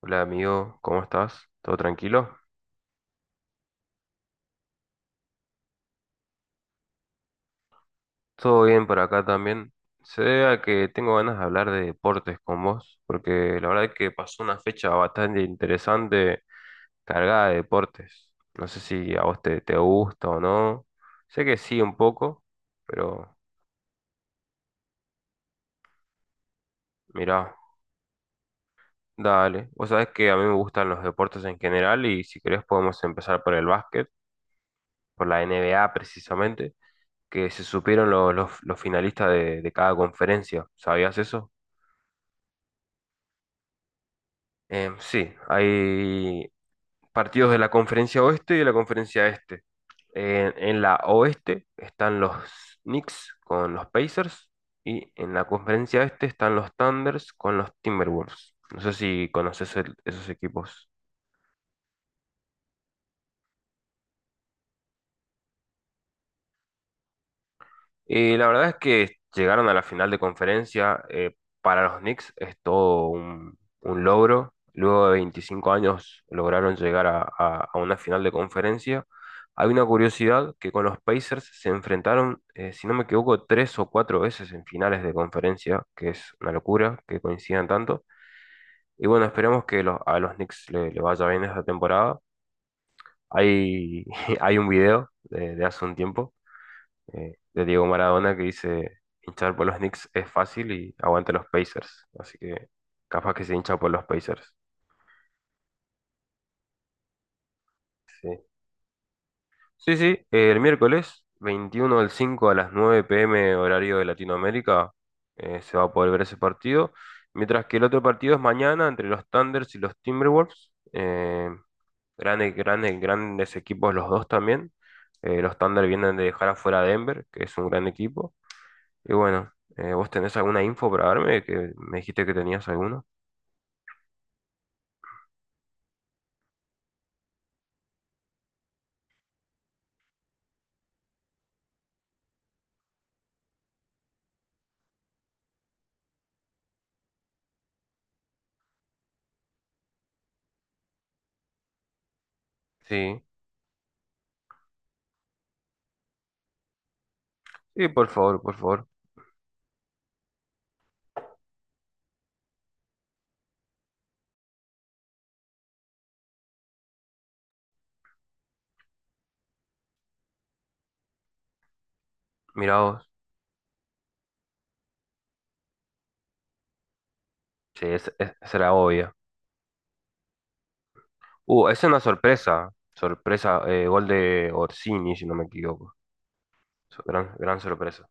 Hola amigo, ¿cómo estás? ¿Todo tranquilo? Todo bien por acá también. Se debe a que tengo ganas de hablar de deportes con vos, porque la verdad es que pasó una fecha bastante interesante cargada de deportes. No sé si a vos te gusta o no. Sé que sí un poco, pero mirá, dale. Vos sabés que a mí me gustan los deportes en general y si querés podemos empezar por el básquet, por la N B A precisamente, que se supieron los finalistas de cada conferencia. ¿Sabías eso? Sí, hay partidos de la conferencia oeste y de la conferencia este. En la oeste están los Knicks con los Pacers y en la conferencia este están los Thunders con los Timberwolves. No sé si conoces esos equipos. Y la verdad es que llegaron a la final de conferencia. Para los Knicks es todo un logro. Luego de 25 años lograron llegar a una final de conferencia. Hay una curiosidad que con los Pacers se enfrentaron, si no me equivoco, tres o cuatro veces en finales de conferencia, que es una locura que coincidan tanto. Y bueno, esperemos que a los Knicks le vaya bien esta temporada. Hay, hay un video de hace un tiempo de Diego Maradona que dice, hinchar por los Knicks es fácil y aguante los Pacers. Así que capaz que se hincha por los Pacers. Sí, sí, sí, el miércoles 21 del 5 a las 9 p. m. horario de Latinoamérica se va a poder ver ese partido. Mientras que el otro partido es mañana entre los Thunders y los Timberwolves. Grandes, grandes, grandes equipos los dos también. Los Thunder vienen de dejar afuera a Denver, que es un gran equipo. Y bueno, ¿vos tenés alguna info para darme? Que me dijiste que tenías alguno. Sí. Sí, por favor, por favor. Mirá vos. Sí, esa era obvia. Es una sorpresa. Sorpresa, gol de Orsini, si no me equivoco. Gran, gran sorpresa.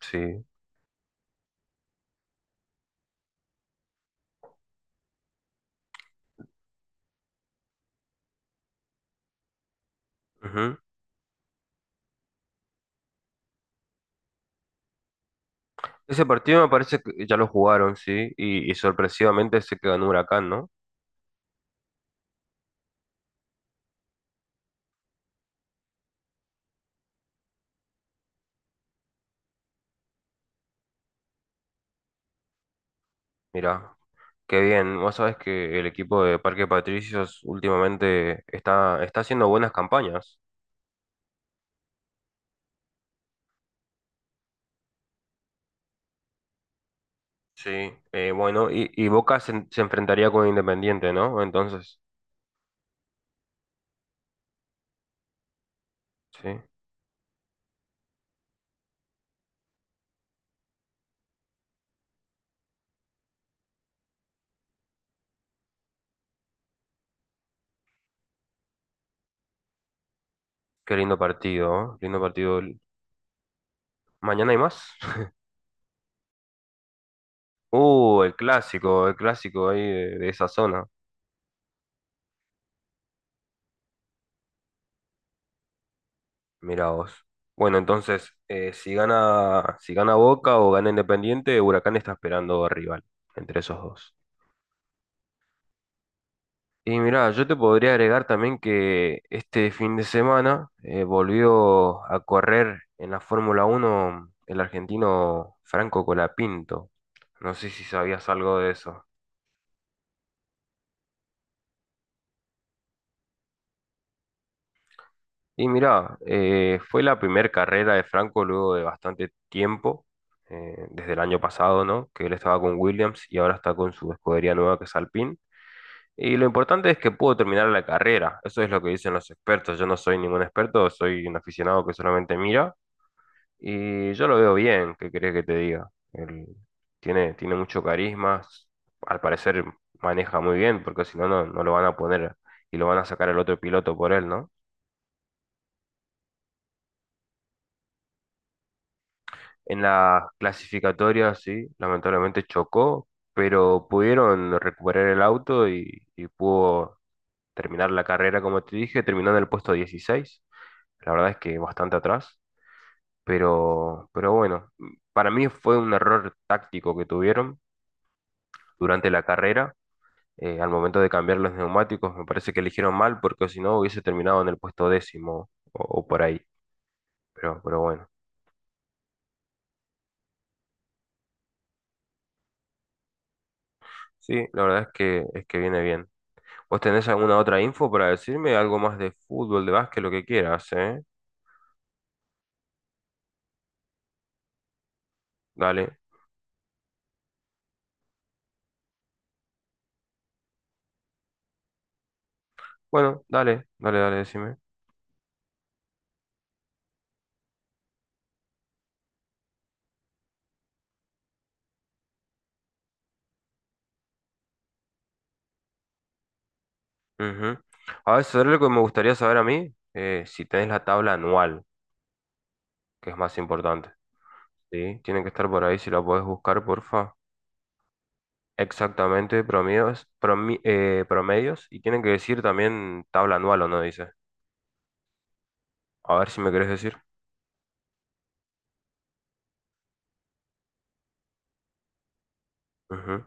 Sí. Ujú. Ese partido me parece que ya lo jugaron, sí. Y sorpresivamente se quedó en Huracán, ¿no? Mirá, qué bien. Vos sabés que el equipo de Parque Patricios últimamente está haciendo buenas campañas. Sí, bueno, y Boca se enfrentaría con Independiente, ¿no? Entonces, sí, qué lindo partido, ¿eh? Lindo partido. ¿Mañana hay más? El clásico, el clásico ahí de esa zona. Mira vos. Bueno, entonces, si gana Boca o gana Independiente, Huracán está esperando rival entre esos dos. Y mirá, yo te podría agregar también que este fin de semana volvió a correr en la Fórmula Uno el argentino Franco Colapinto. No sé si sabías algo de eso. Y mirá, fue la primera carrera de Franco luego de bastante tiempo, desde el año pasado, ¿no? Que él estaba con Williams y ahora está con su escudería nueva que es Alpine. Y lo importante es que pudo terminar la carrera. Eso es lo que dicen los expertos. Yo no soy ningún experto, soy un aficionado que solamente mira. Y yo lo veo bien, ¿qué querés que te diga? Él tiene mucho carisma, al parecer maneja muy bien, porque si no, no lo van a poner y lo van a sacar al otro piloto por él, ¿no? En la clasificatoria, sí, lamentablemente chocó, pero pudieron recuperar el auto y pudo terminar la carrera, como te dije, terminando en el puesto 16. La verdad es que bastante atrás, pero, bueno, para mí fue un error táctico que tuvieron durante la carrera al momento de cambiar los neumáticos, me parece que eligieron mal porque si no hubiese terminado en el puesto décimo o por ahí. Pero bueno, sí, la verdad es que viene bien. ¿Vos tenés alguna otra info para decirme? Algo más de fútbol, de básquet, lo que quieras, ¿eh? Dale. Bueno, dale, dale, dale, decime. Ujú. A ver, ¿sabés lo que me gustaría saber a mí? Si tenés la tabla anual, que es más importante. ¿Sí? Tiene que estar por ahí, si la podés buscar, porfa. Exactamente promedios, promedios y tienen que decir también tabla anual o no, dice. A ver si me querés decir. Ujú,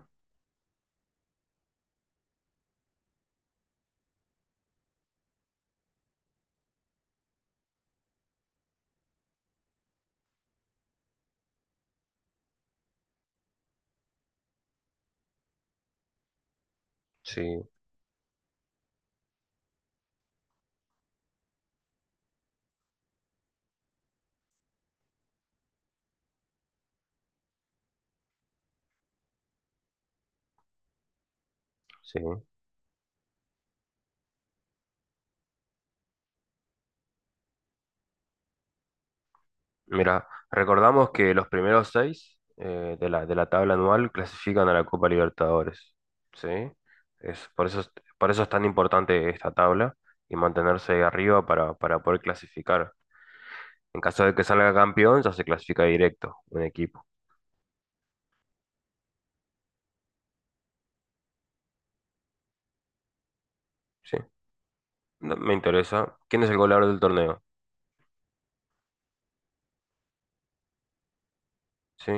sí, sí. Mira, recordamos que los primeros seis de la tabla anual clasifican a la Copa Libertadores. ¿Sí? Es, por eso, es- por eso es tan importante esta tabla y mantenerse ahí arriba para poder clasificar. En caso de que salga campeón, ya se clasifica directo un equipo. ¿Sí? No, me interesa. ¿Quién es el goleador del torneo? ¿Sí?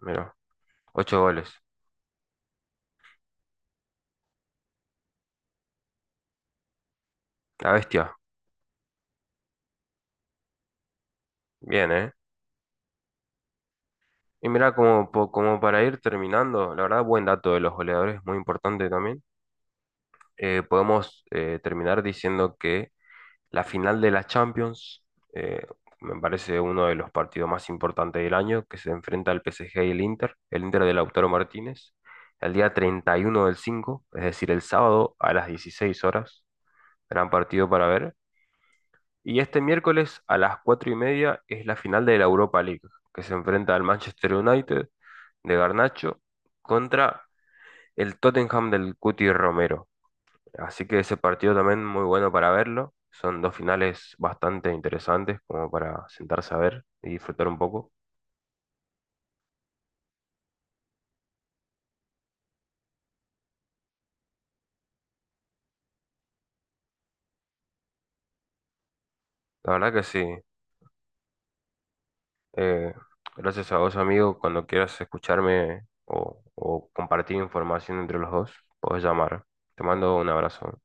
Mira. Ocho goles. La bestia. Bien, ¿eh? Y mirá, como para ir terminando, la verdad, buen dato de los goleadores, muy importante también. Podemos terminar diciendo que la final de la Champions, eh, me parece uno de los partidos más importantes del año, que se enfrenta al PSG y el Inter de Lautaro Martínez, el día 31 del 5, es decir, el sábado a las 16 horas. Gran partido para ver. Y este miércoles a las 4:30 es la final de la Europa League, que se enfrenta al Manchester United de Garnacho contra el Tottenham del Cuti Romero. Así que ese partido también muy bueno para verlo. Son dos finales bastante interesantes como para sentarse a ver y disfrutar un poco. La verdad que sí. Eh, gracias a vos, amigo. Cuando quieras escucharme o compartir información entre los dos, podés llamar. Te mando un abrazo.